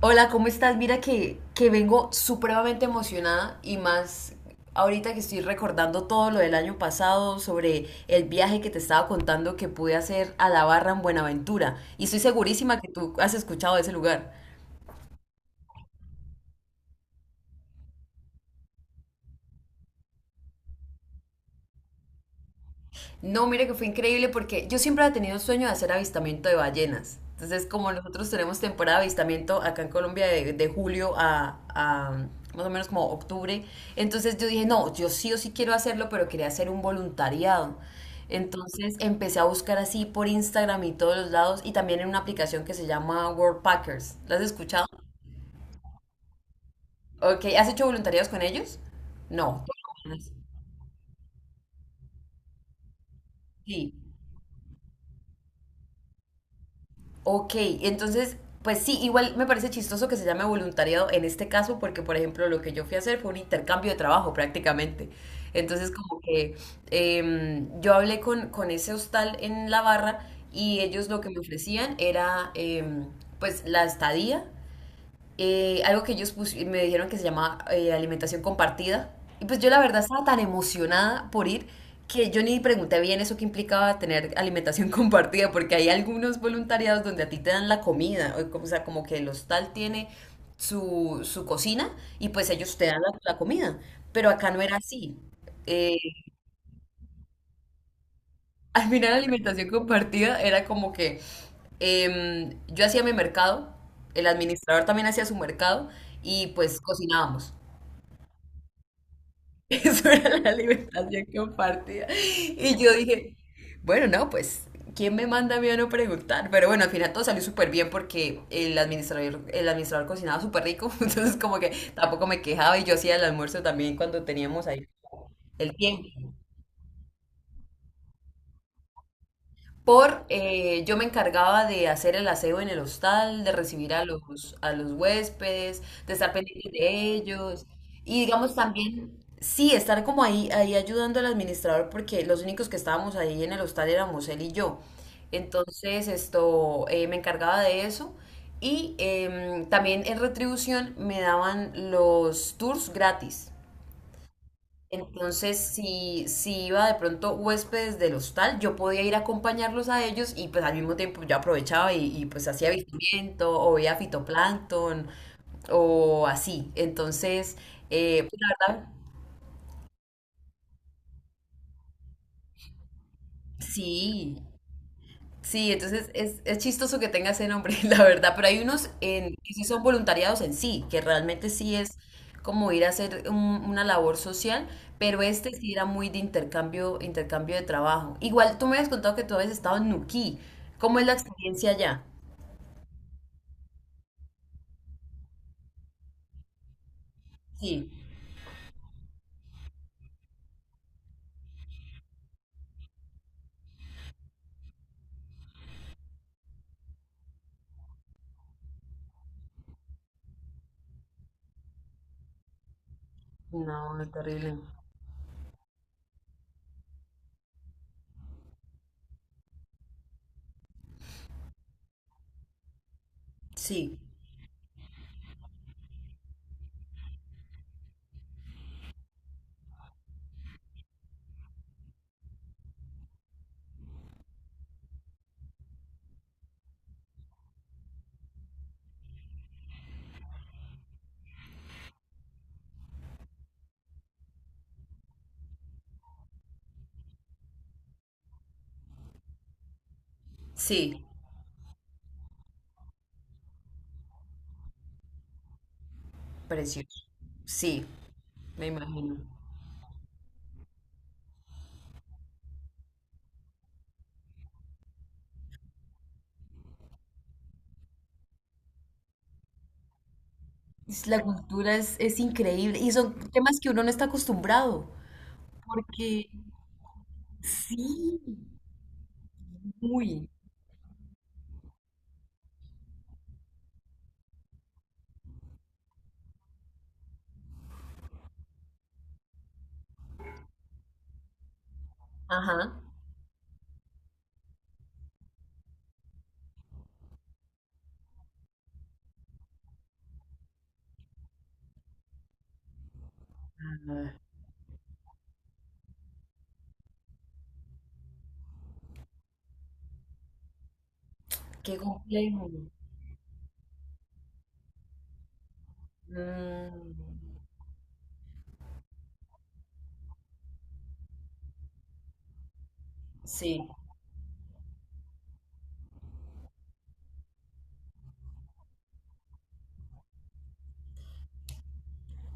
Hola, ¿cómo estás? Mira que vengo supremamente emocionada y más ahorita que estoy recordando todo lo del año pasado sobre el viaje que te estaba contando que pude hacer a La Barra en Buenaventura. Y estoy segurísima que tú has escuchado de ese lugar. No, mire que fue increíble porque yo siempre había tenido el sueño de hacer avistamiento de ballenas. Entonces, como nosotros tenemos temporada de avistamiento acá en Colombia de julio a más o menos como octubre, entonces yo dije, no, yo sí o sí quiero hacerlo, pero quería hacer un voluntariado. Entonces empecé a buscar así por Instagram y todos los lados y también en una aplicación que se llama World Packers. ¿La has escuchado? Ok, ¿has hecho voluntariados con ellos? No. Tú no. Sí. Ok, entonces, pues sí, igual me parece chistoso que se llame voluntariado en este caso, porque por ejemplo lo que yo fui a hacer fue un intercambio de trabajo prácticamente. Entonces como que yo hablé con ese hostal en la barra y ellos lo que me ofrecían era pues la estadía algo que ellos me dijeron que se llama alimentación compartida. Y pues yo la verdad estaba tan emocionada por ir que yo ni pregunté bien eso que implicaba tener alimentación compartida, porque hay algunos voluntariados donde a ti te dan la comida, o sea, como que el hostal tiene su cocina y pues ellos te dan la comida. Pero acá no era así. Eh, al final la alimentación compartida era como que yo hacía mi mercado, el administrador también hacía su mercado y pues cocinábamos. Eso era la alimentación compartida. Y yo dije, bueno, no, pues, ¿quién me manda a mí a no preguntar? Pero bueno, al final todo salió súper bien porque el administrador cocinaba súper rico, entonces como que tampoco me quejaba y yo hacía el almuerzo también cuando teníamos ahí el tiempo. Por Yo me encargaba de hacer el aseo en el hostal, de recibir a los huéspedes, de estar pendiente de ellos y digamos también, sí, estar como ahí ayudando al administrador porque los únicos que estábamos ahí en el hostal éramos él y yo. Entonces esto, me encargaba de eso y también en retribución me daban los tours gratis. Entonces, si iba de pronto huéspedes del hostal, yo podía ir a acompañarlos a ellos y pues al mismo tiempo yo aprovechaba y, pues hacía avistamiento o veía fitoplancton o así. Entonces, pues, la verdad, sí. Sí, entonces es chistoso que tenga ese nombre, la verdad, pero hay unos que sí son voluntariados en sí, que realmente sí es como ir a hacer una labor social, pero este sí era muy de intercambio, intercambio de trabajo. Igual tú me habías contado que tú habías estado en Nuquí, ¿cómo es la experiencia allá? Sí, no, es terrible. Sí, sí, precioso. Sí, me imagino. La cultura es increíble y son temas que uno no está acostumbrado, porque sí. Uy, ajá, ah, qué complejo. Mm, sí.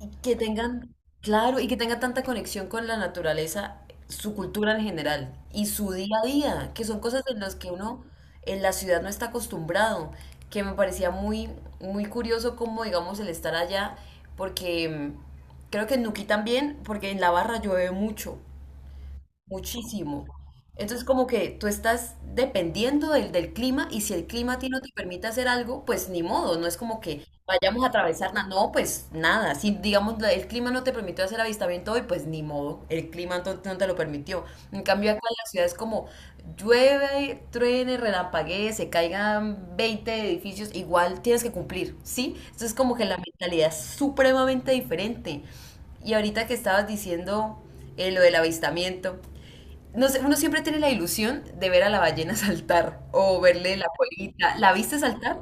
Y que tengan, claro, y que tengan tanta conexión con la naturaleza, su cultura en general y su día a día, que son cosas en las que uno en la ciudad no está acostumbrado, que me parecía muy, muy curioso como, digamos, el estar allá, porque creo que en Nuquí también, porque en La Barra llueve mucho. Muchísimo. Entonces, como que tú estás dependiendo del clima y si el clima a ti no te permite hacer algo, pues ni modo, no es como que vayamos a atravesar nada, no, pues nada. Si, digamos, el clima no te permitió hacer avistamiento hoy, pues ni modo, el clima no, no te lo permitió. En cambio, acá en la ciudad es como llueve, truene, relampaguee, se caigan 20 edificios, igual tienes que cumplir, ¿sí? Entonces, como que la mentalidad es supremamente diferente. Y ahorita que estabas diciendo lo del avistamiento. No sé, uno siempre tiene la ilusión de ver a la ballena saltar o verle la colita. ¿La viste saltar?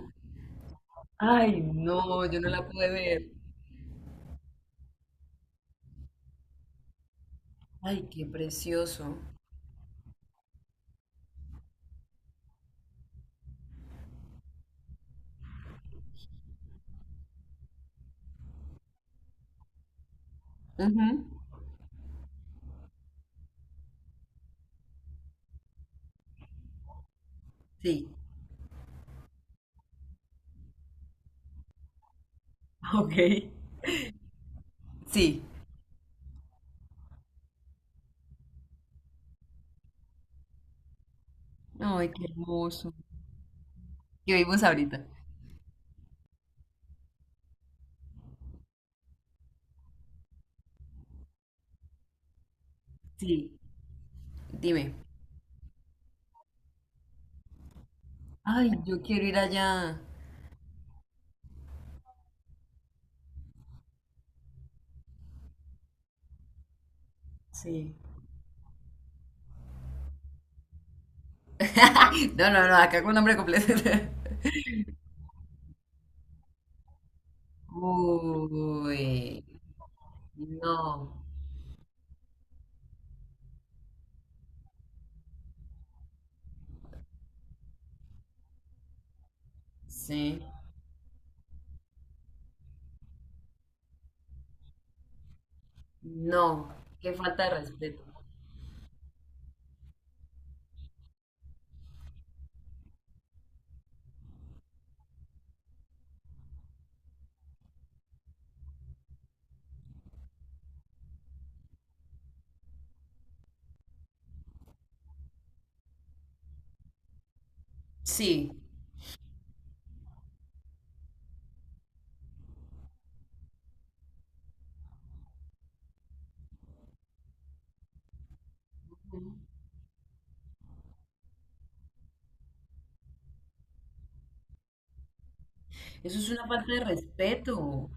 Ay, no, yo no la pude ver. Ay, qué precioso. Ujú, sí. Ok. Sí. Ay, qué hermoso. ¿Qué vimos ahorita? Sí. Dime. Ay, yo quiero ir allá. Sí. No, no, no, acá con nombre completo. Uy, no. Sí. No. Qué falta de respeto. Sí. Eso es una falta de respeto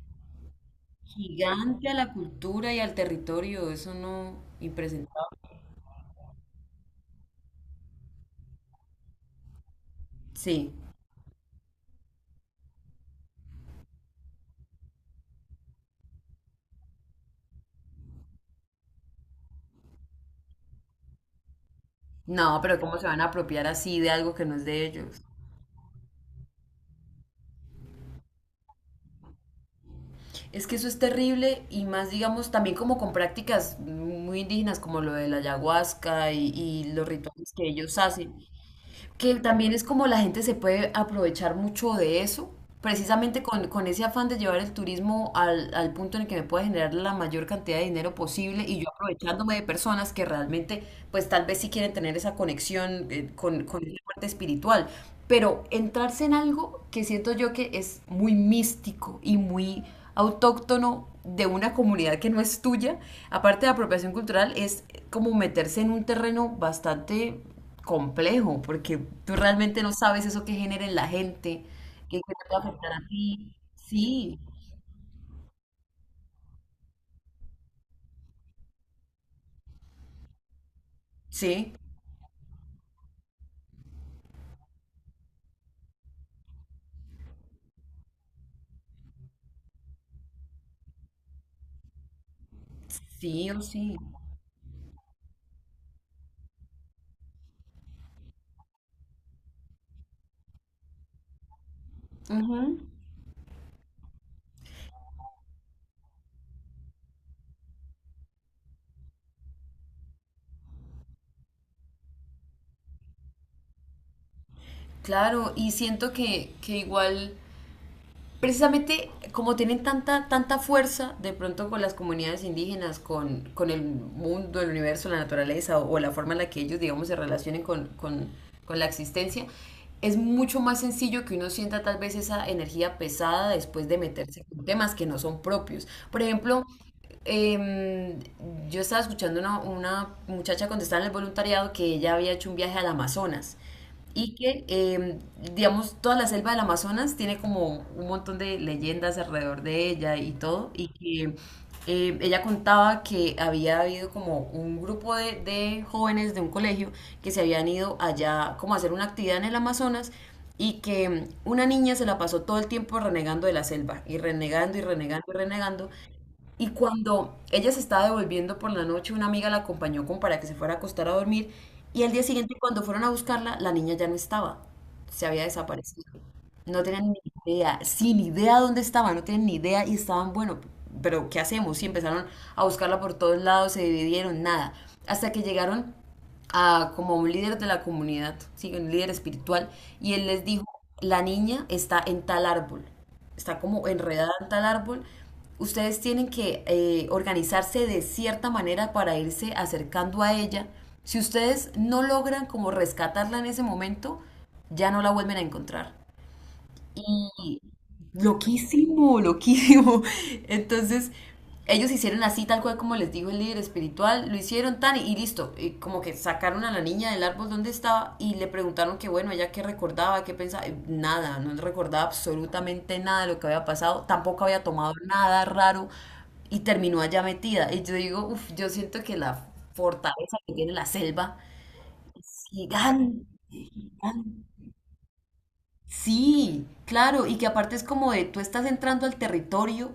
gigante a la cultura y al territorio. Eso no, impresentable. Sí. No, pero ¿cómo se van a apropiar así de algo que no es de ellos? Es que eso es terrible y más, digamos, también como con prácticas muy indígenas como lo de la ayahuasca y los rituales que ellos hacen. Que también es como la gente se puede aprovechar mucho de eso, precisamente con ese afán de llevar el turismo al punto en el que me pueda generar la mayor cantidad de dinero posible y yo aprovechándome de personas que realmente, pues tal vez sí quieren tener esa conexión con esa parte espiritual. Pero entrarse en algo que siento yo que es muy místico y muy autóctono de una comunidad que no es tuya, aparte de apropiación cultural, es como meterse en un terreno bastante complejo, porque tú realmente no sabes eso que genera en la gente, que te puede afectar a ti. Sí, sí, sí o sí. Ujú. Claro, y siento que igual precisamente como tienen tanta, tanta fuerza de pronto con las comunidades indígenas, con el mundo, el universo, la naturaleza o, la forma en la que ellos, digamos, se relacionen con, la existencia, es mucho más sencillo que uno sienta tal vez esa energía pesada después de meterse con temas que no son propios. Por ejemplo, eh, yo estaba escuchando una muchacha contestar en el voluntariado que ella había hecho un viaje al Amazonas y que, digamos, toda la selva del Amazonas tiene como un montón de leyendas alrededor de ella y todo, y que ella contaba que había habido como un grupo de jóvenes de un colegio que se habían ido allá como a hacer una actividad en el Amazonas y que una niña se la pasó todo el tiempo renegando de la selva y renegando y renegando y renegando y cuando ella se estaba devolviendo por la noche, una amiga la acompañó como para que se fuera a acostar a dormir. Y al día siguiente, cuando fueron a buscarla, la niña ya no estaba. Se había desaparecido. No tenían ni idea, sin idea dónde estaba, no tenían ni idea y estaban, bueno, pero ¿qué hacemos? Y empezaron a buscarla por todos lados, se dividieron, nada. Hasta que llegaron a, como un líder de la comunidad, ¿sí? Un líder espiritual, y él les dijo, la niña está en tal árbol, está como enredada en tal árbol, ustedes tienen que organizarse de cierta manera para irse acercando a ella. Si ustedes no logran como rescatarla en ese momento, ya no la vuelven a encontrar. Y loquísimo, loquísimo. Entonces, ellos hicieron así, tal cual como les dijo el líder espiritual, lo hicieron tan y listo. Y como que sacaron a la niña del árbol donde estaba y le preguntaron que, bueno, ella qué recordaba, qué pensaba. Nada, no recordaba absolutamente nada de lo que había pasado, tampoco había tomado nada raro y terminó allá metida. Y yo digo, uff, yo siento que la fortaleza que tiene la selva es gigante. Sí, claro, y que aparte es como de tú estás entrando al territorio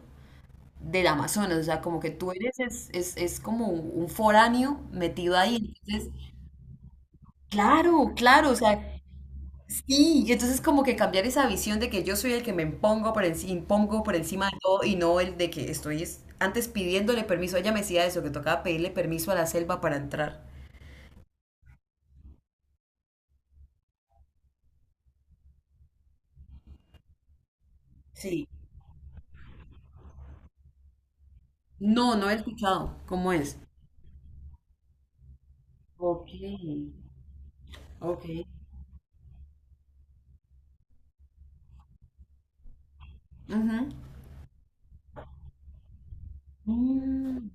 del Amazonas, o sea, como que tú eres, es como un foráneo metido ahí, entonces, claro, claro, o sea, sí, y entonces como que cambiar esa visión de que yo soy el que me impongo por, impongo por encima de todo y no el de que estoy antes pidiéndole permiso, ella me decía eso, que tocaba pedirle permiso a la selva para entrar. Sí. No, no he escuchado, ¿cómo es? Ok, ok. Ujú. Mm.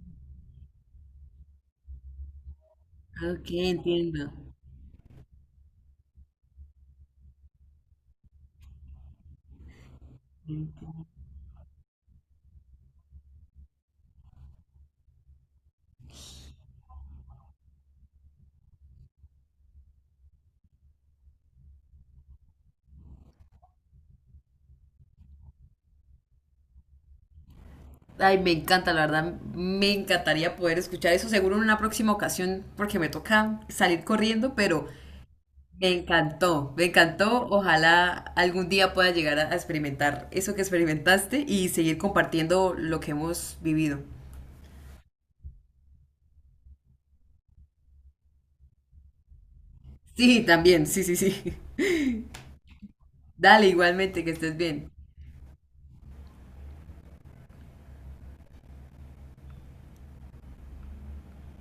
Ok, entiendo. Ay, me encanta, la verdad, me encantaría poder escuchar eso, seguro en una próxima ocasión, porque me toca salir corriendo, pero me encantó, me encantó. Ojalá algún día pueda llegar a experimentar eso que experimentaste y seguir compartiendo lo que hemos vivido. Sí, también, sí, sí, sí. Dale, igualmente, que estés bien.